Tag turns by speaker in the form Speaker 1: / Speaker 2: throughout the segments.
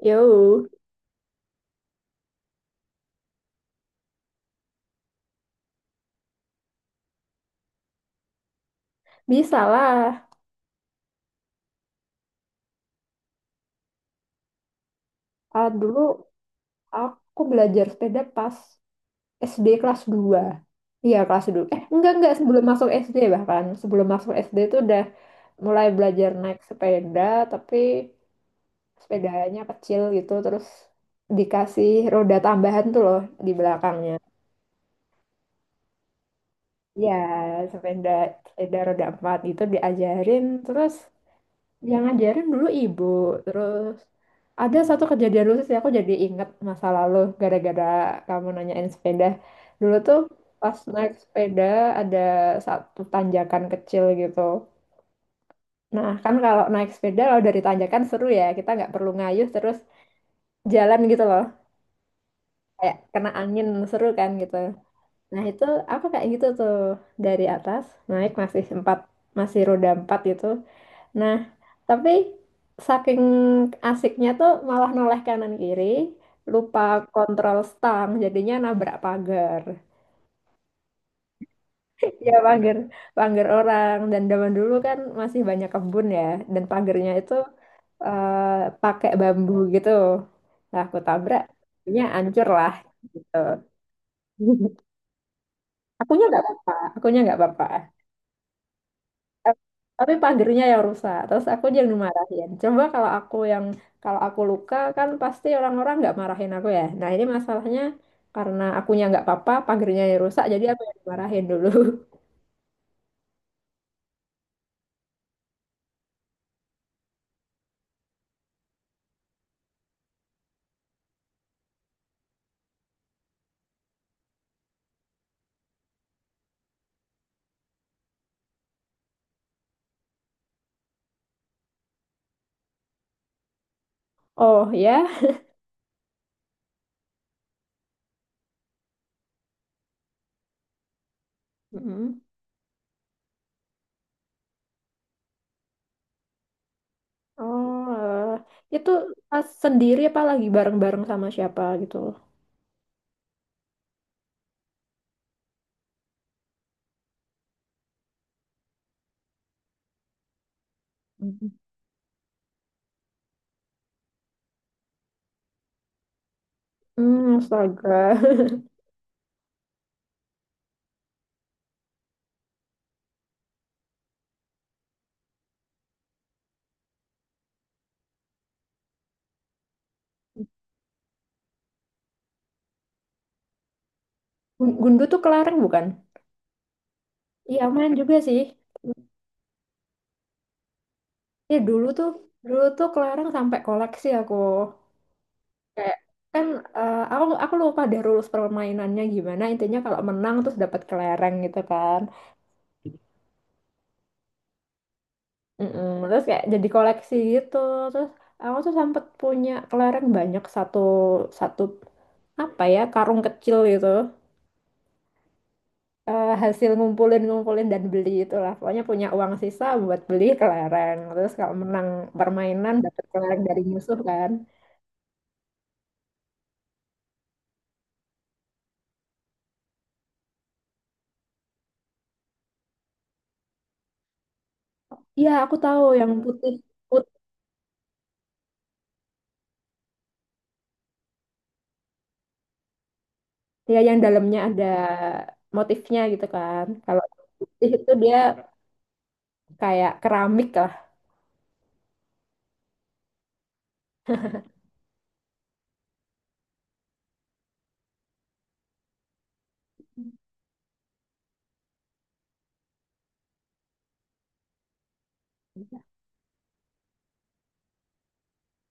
Speaker 1: Yo, bisa lah. Ah, dulu aku belajar sepeda pas SD kelas dua. Iya, kelas 2. Eh, enggak, enggak. Sebelum masuk SD bahkan. Sebelum masuk SD itu udah mulai belajar naik sepeda, tapi sepedanya kecil gitu. Terus dikasih roda tambahan tuh loh di belakangnya. Iya, sepeda, sepeda roda empat itu diajarin. Terus yang ngajarin dulu ibu, terus ada satu kejadian lucu sih, aku jadi inget masa lalu gara-gara kamu nanyain sepeda. Dulu tuh pas naik sepeda ada satu tanjakan kecil gitu. Nah kan, kalau naik sepeda kalau dari tanjakan seru ya, kita nggak perlu ngayuh, terus jalan gitu loh, kayak kena angin seru kan gitu. Nah itu, aku kayak gitu tuh, dari atas naik masih roda empat gitu. Nah, tapi saking asiknya tuh malah noleh kanan kiri, lupa kontrol stang, jadinya nabrak pagar. Ya pagar, pagar orang. Dan zaman dulu kan masih banyak kebun ya, dan pagarnya itu eh, pakai bambu gitu. Nah, aku tabrak, nya hancur lah gitu. Akunya nggak apa-apa, akunya nggak apa-apa. Tapi pagernya yang rusak, terus aku yang dimarahin. Coba, kalau aku luka kan pasti orang-orang nggak marahin aku ya. Nah ini masalahnya, karena akunya nggak apa-apa pagernya yang rusak, jadi aku yang dimarahin dulu. Oh ya. Mm-mm. Oh, itu pas sendiri apa lagi bareng-bareng sama siapa gitu. Mm hmm. Astaga. Gundu tuh kelereng bukan? Iya, main juga sih. Ya dulu tuh kelereng sampai koleksi aku, kayak, kan, aku lupa deh rules permainannya gimana. Intinya kalau menang terus dapat kelereng gitu kan. Mm-mm. Terus kayak jadi koleksi gitu. Terus aku tuh sempet punya kelereng banyak, satu satu apa ya, karung kecil gitu. Hasil ngumpulin ngumpulin dan beli itulah, pokoknya punya uang sisa buat beli kelereng. Terus kalau menang permainan dapat kelereng dari musuh kan. Iya, aku tahu yang putih, dia yang dalamnya ada motifnya gitu kan. Kalau putih itu dia kayak keramik lah.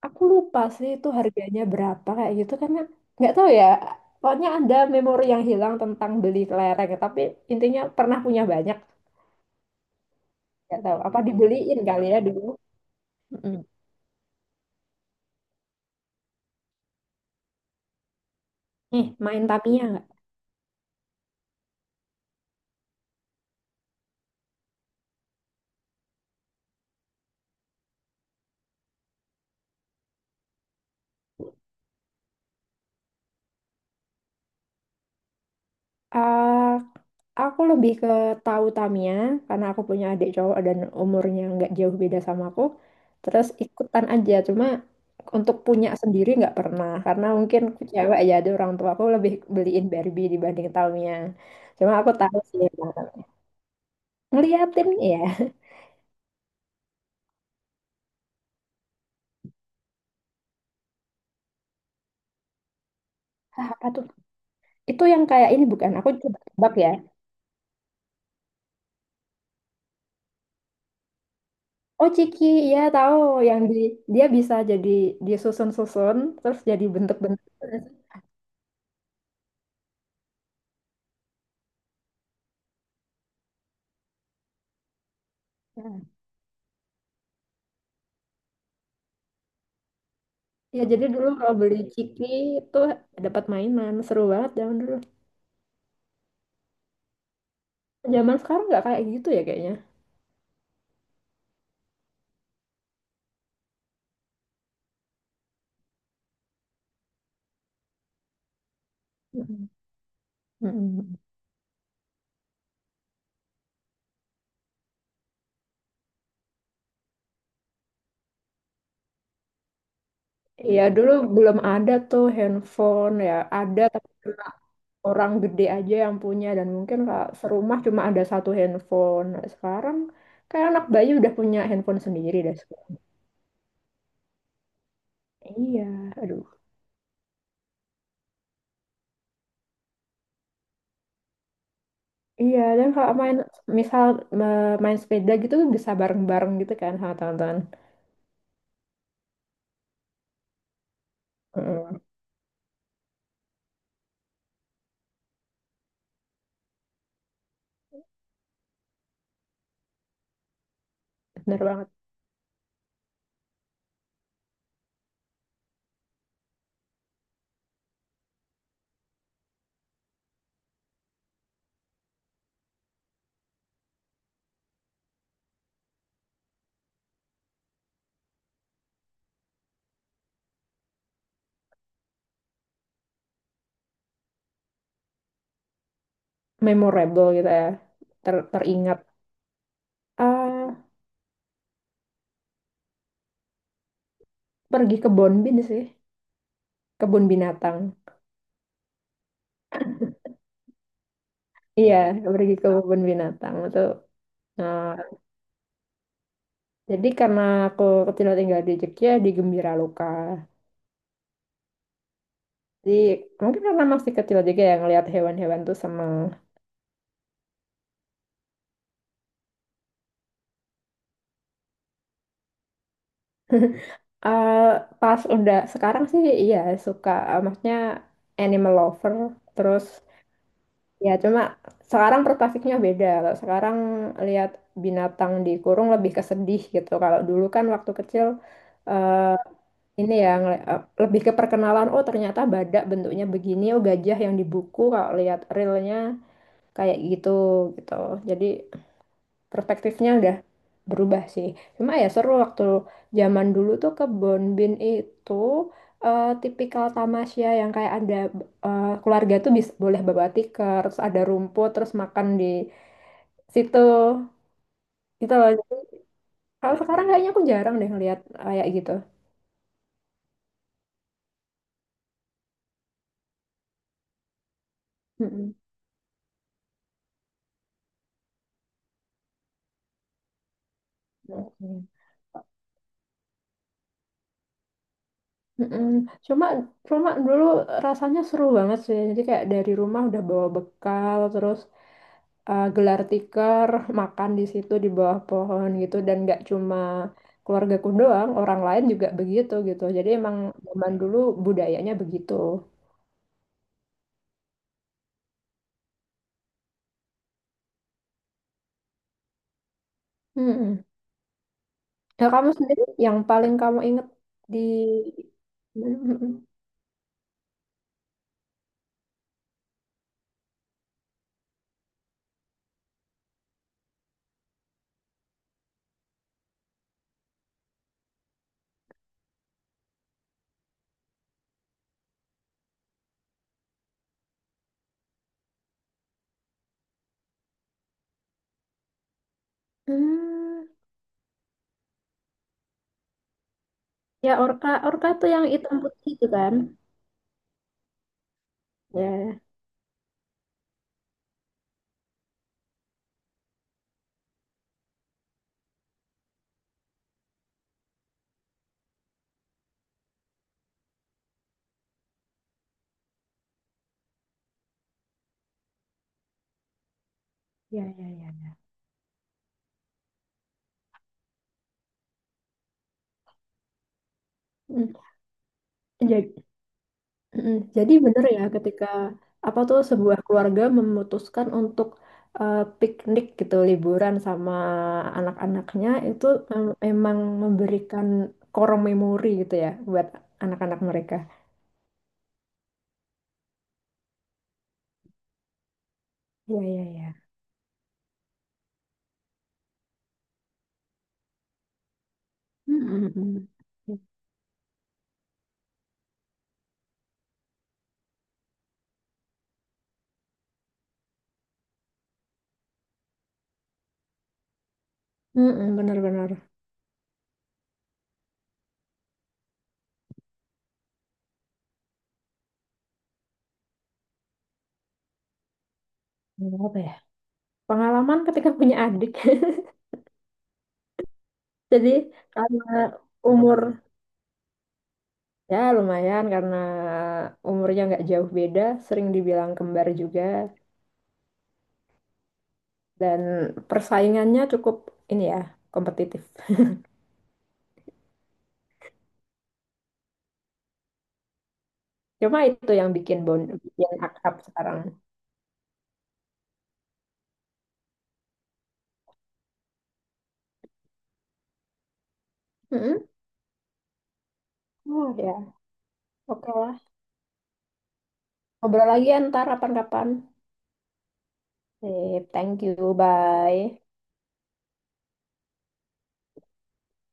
Speaker 1: Aku lupa sih itu harganya berapa kayak gitu, karena nggak tahu ya. Pokoknya ada memori yang hilang tentang beli kelereng, tapi intinya pernah punya banyak. Nggak tahu apa dibeliin kali ya dulu. Mm-mm. Nih, main Tamiya nggak? Ah, aku lebih ke tahu Tamiya karena aku punya adik cowok dan umurnya nggak jauh beda sama aku. Terus ikutan aja, cuma untuk punya sendiri nggak pernah, karena mungkin aku cewek ya, ada orang tua aku lebih beliin Barbie dibanding Tamiya. Cuma aku tahu sih, emang. Ngeliatin ya. Ah, apa tuh? Itu yang kayak ini bukan? Aku coba tebak ya. Oh Ciki, ya tahu, yang dia bisa jadi disusun-susun terus jadi bentuk-bentuk. Ya jadi dulu kalau beli ciki itu dapat mainan seru banget zaman dulu. Zaman sekarang nggak kayak gitu ya kayaknya. Mm-mm. Mm-mm. Ya dulu belum ada tuh handphone, ya ada tapi cuma orang gede aja yang punya, dan mungkin kalau serumah cuma ada satu handphone. Nah, sekarang kayak anak bayi udah punya handphone sendiri deh. Iya, aduh. Iya, dan kalau main misal main sepeda gitu bisa bareng-bareng gitu kan sama teman-teman. Mm-mm. Bener banget. Memorable gitu ya, teringat. Ah, pergi ke Bonbin sih, kebun binatang. Iya, pergi ke kebun binatang itu. Nah, jadi karena aku kecil tinggal di Jogja di Gembira Loka, jadi mungkin karena masih kecil juga ya, ngelihat hewan-hewan tuh seneng. Eh, Pas udah sekarang sih iya suka, maksudnya animal lover, terus. Ya, cuma sekarang perspektifnya beda. Kalau sekarang lihat binatang dikurung lebih kesedih gitu. Kalau dulu kan waktu kecil, eh, ini ya, lebih ke perkenalan. Oh, ternyata badak bentuknya begini. Oh, gajah yang di buku kalau lihat realnya kayak gitu gitu. Jadi perspektifnya udah berubah sih. Cuma ya seru waktu zaman dulu tuh kebon bin itu, tipikal tamasya yang kayak ada, keluarga tuh bisa boleh bawa tikar, terus ada rumput, terus makan di situ gitu loh. Jadi, kalau sekarang kayaknya aku jarang deh ngeliat kayak gitu. Mm-mm. Oke. Mm-mm. Cuma cuma dulu rasanya seru banget sih. Jadi kayak dari rumah udah bawa bekal, terus gelar tikar makan di situ di bawah pohon gitu, dan nggak cuma keluargaku doang, orang lain juga begitu gitu, jadi emang zaman dulu budayanya begitu. Mm-mm. Nah, kamu sendiri yang paling kamu inget di. Mm-mm. Hmm, ya orka orka tuh yang hitam putih itu kan. Ya ya ya ya. Hmm. Jadi. Mm-mm. Jadi bener ya, ketika apa tuh, sebuah keluarga memutuskan untuk, piknik gitu, liburan sama anak-anaknya itu emang memberikan korong memori gitu ya buat anak-anak mereka. Iya iya iya. Mm-mm. Mm-mm, benar-benar. Hmm, apa ya? Pengalaman ketika punya adik. Jadi, karena umur ya lumayan, karena umurnya nggak jauh beda, sering dibilang kembar juga. Dan persaingannya cukup ini ya, kompetitif. Cuma itu yang bikin bond, bikin akrab sekarang. Mm-mm. Oh ya, oke lah. Ngobrol lagi ya ntar kapan-kapan. Sip, thank you, bye.